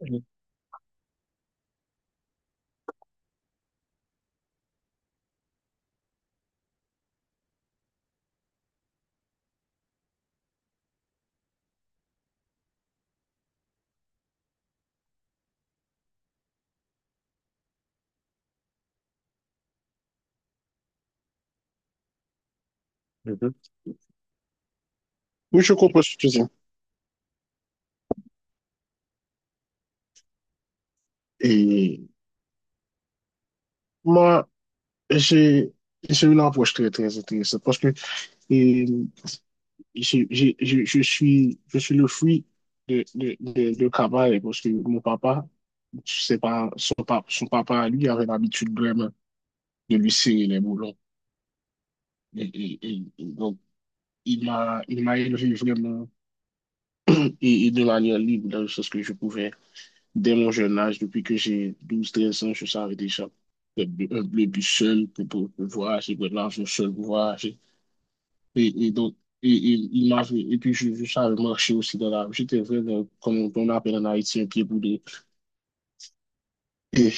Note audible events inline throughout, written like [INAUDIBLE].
Mhm. Oui, je comprends ce que tu dis. Et moi, j'ai j'ai une approche très, très intéressante parce que et, je suis le fruit de travail parce que mon papa, c'est pas, son papa, lui, avait l'habitude vraiment de lui serrer les boulons. Et donc, il m'a élevé vraiment et de manière libre dans le sens que je pouvais. Dès mon jeune âge, depuis que j'ai 12, 13 ans, je savais déjà que un bleu bus seul pour, pour voyager, pour l'argent seul pour voyager. Et, et donc, il m'avait- et puis je savais marcher aussi dans la rue. J'étais vraiment, comme on appelle en Haïti, un pied boudé. Et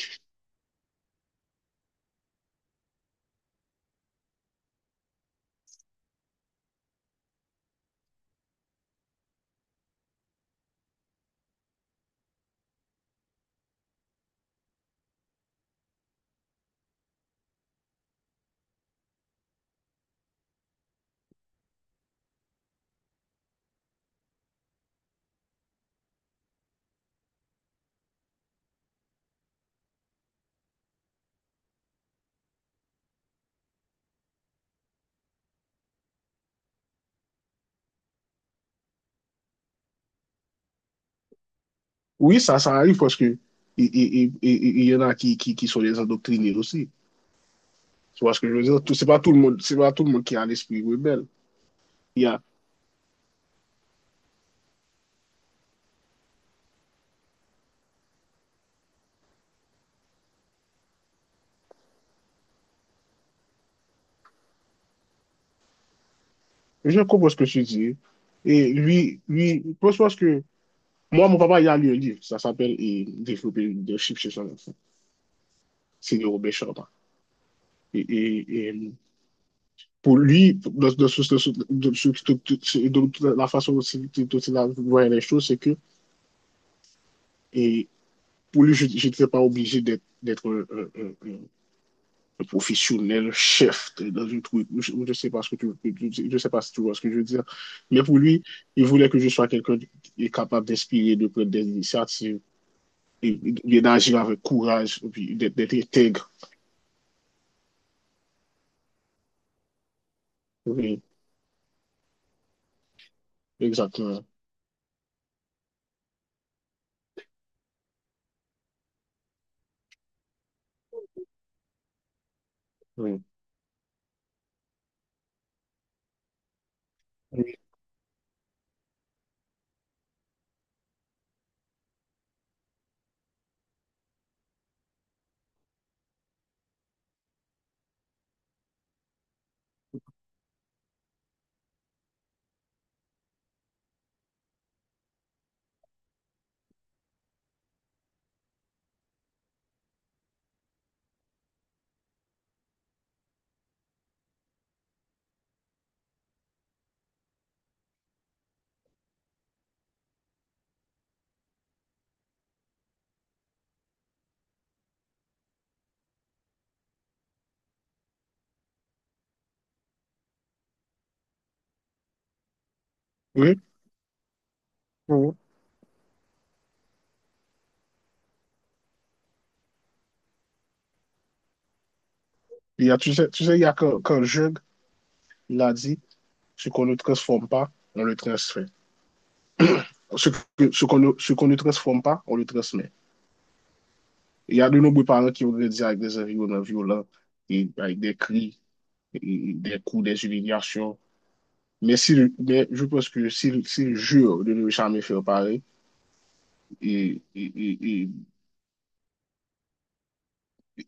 oui, ça arrive parce que et il y en a qui sont des endoctrinés aussi. Tu vois ce que je veux dire? C'est pas tout le monde, c'est pas tout le monde qui a l'esprit rebelle. Il y a, je comprends ce que tu dis. Et lui, je pense que moi, mon papa, il a lu un livre, ça s'appelle Développer le leadership chez son enfant. C'est de Robert Sharma. Et pour lui, de la façon dont il dont il a voyait les choses, c'est que et pour lui, je n'étais pas obligé d'être un professionnel dans une troupe. Je ne sais pas ce que tu, je sais pas si tu vois ce que je veux dire. Mais pour lui, il voulait que je sois quelqu'un qui est capable d'inspirer, de prendre des initiatives, et d'agir avec courage, et puis d'être intègre. Oui, exactement. Oui. Oui. Oui, oui. Il y a, tu sais, il y a quand Jung l'a dit, ce qu'on ne transforme pas, on le transmet. Ce Ce qu'on ne transforme pas, on le transmet. Il y a de nombreux parents qui ont grandi avec des environnements violents, et avec des cris, et des coups, des humiliations. Mais, si, mais je pense que s'ils si jurent de ne jamais faire pareil, et,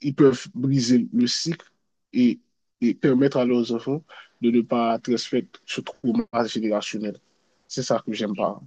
ils peuvent briser le cycle et, et permettre à leurs enfants de ne pas transmettre ce trauma générationnel. C'est ça que j'aime pas.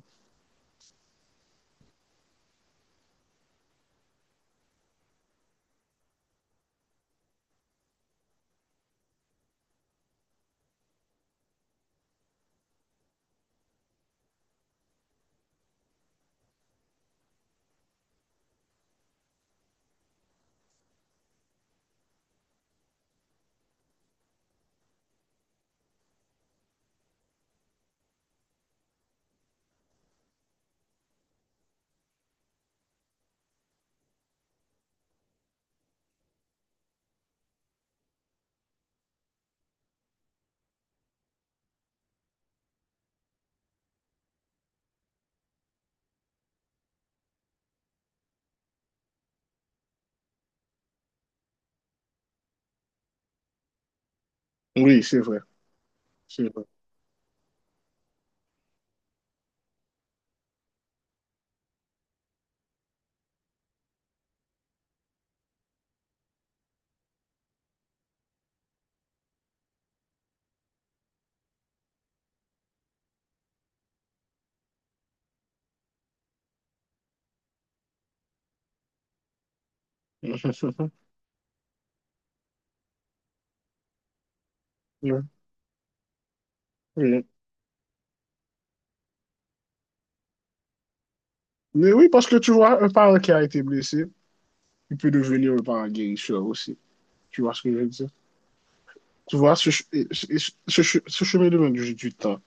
Oui, c'est vrai. C'est vrai. [LAUGHS] Oui. Oui. Mais oui, parce que tu vois, un parent qui a été blessé, il peut devenir un parent guérisseur aussi. Tu vois ce que je veux dire? Tu vois, ce chemin de du temps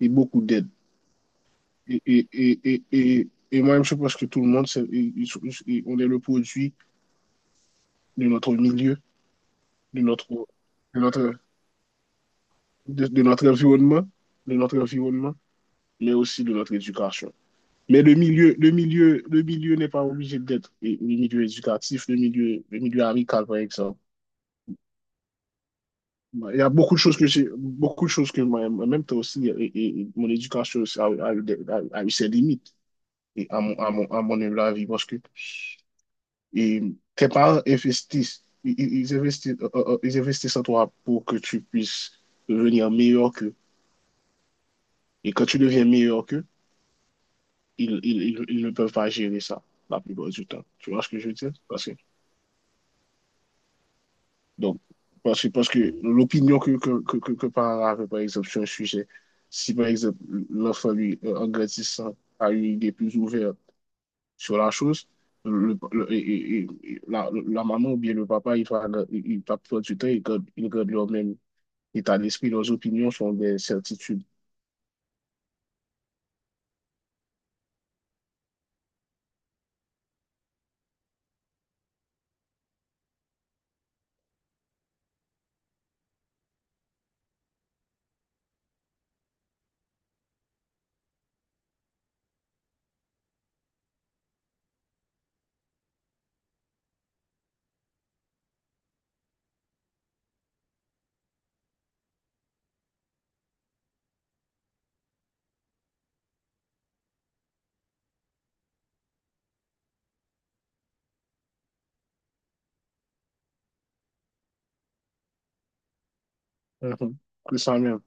et beaucoup d'aide. Et moi-même, je pense que tout le monde, on est le produit de notre milieu. de notre, de notre, de notre environnement, de notre environnement, mais aussi de notre éducation. Mais le milieu n'est pas obligé d'être et le milieu éducatif, le milieu amical, par exemple. Il y a beaucoup de choses que j'ai, beaucoup de choses que moi, en même temps aussi, et mon éducation aussi a eu a eu ses limites, et à mon, à mon humble avis, parce que et tes parents investissent, ils investissent, ils investissent en toi pour que tu puisses devenir meilleur qu'eux. Et quand tu deviens meilleur qu'eux, ils ne peuvent pas gérer ça la plupart du temps. Tu vois ce que je veux dire? Parce que, donc, parce que l'opinion que parents avaient, par exemple, sur un sujet, si par exemple l'enfant, lui, en grandissant, a une idée plus ouverte sur la chose, le, le- et- et- la, la maman ou bien le papa, il va prendre du temps, il garde leur même état d'esprit, leurs opinions sont des certitudes. Mhm. C'est ça même.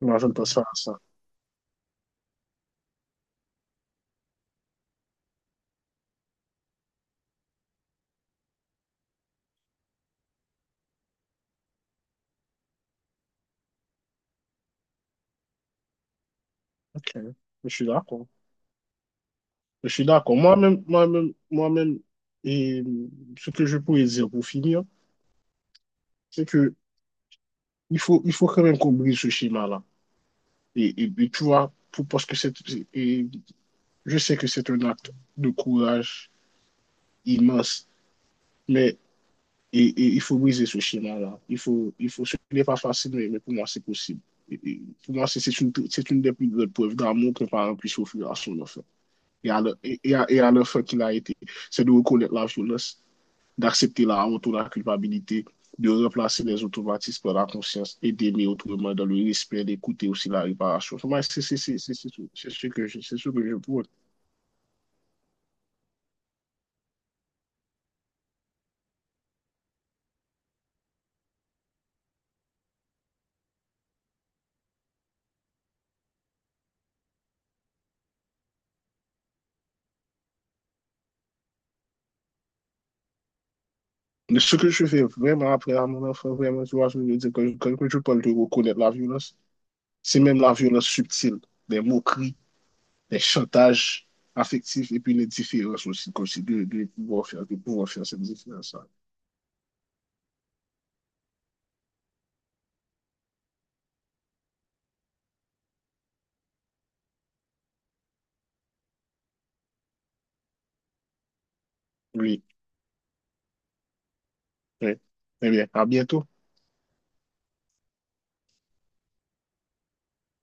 Moi, je ne pense pas à ça. Ok, je suis d'accord. Je suis d'accord. Moi-même, et ce que je pourrais dire pour finir, c'est que il faut quand même qu'on brise ce schéma-là. Tu vois, pour, parce que c'est, et je sais que c'est un acte de courage immense, mais et il faut briser ce schéma-là. Il faut, ce n'est pas facile, mais pour moi, c'est possible. Et pour moi, c'est une des plus grandes preuves d'amour qu'un parent puisse offrir à son enfant et à le- et à l'enfant qu'il a été. C'est de reconnaître la violence, d'accepter la honte ou la culpabilité, de remplacer les automatismes par la conscience et d'aimer autrement dans le respect, d'écouter aussi la réparation. C'est ce que je pourrais. Mais ce que je fais vraiment après à mon enfant, vraiment, tu vois, je veux dire, quand je parle de reconnaître la violence, c'est même la violence subtile, les moqueries, les chantages affectifs et puis les différences aussi, comme si de pouvoir faire, de pouvoir faire cette différence-là. Oui, oui. Eh bien, à bientôt.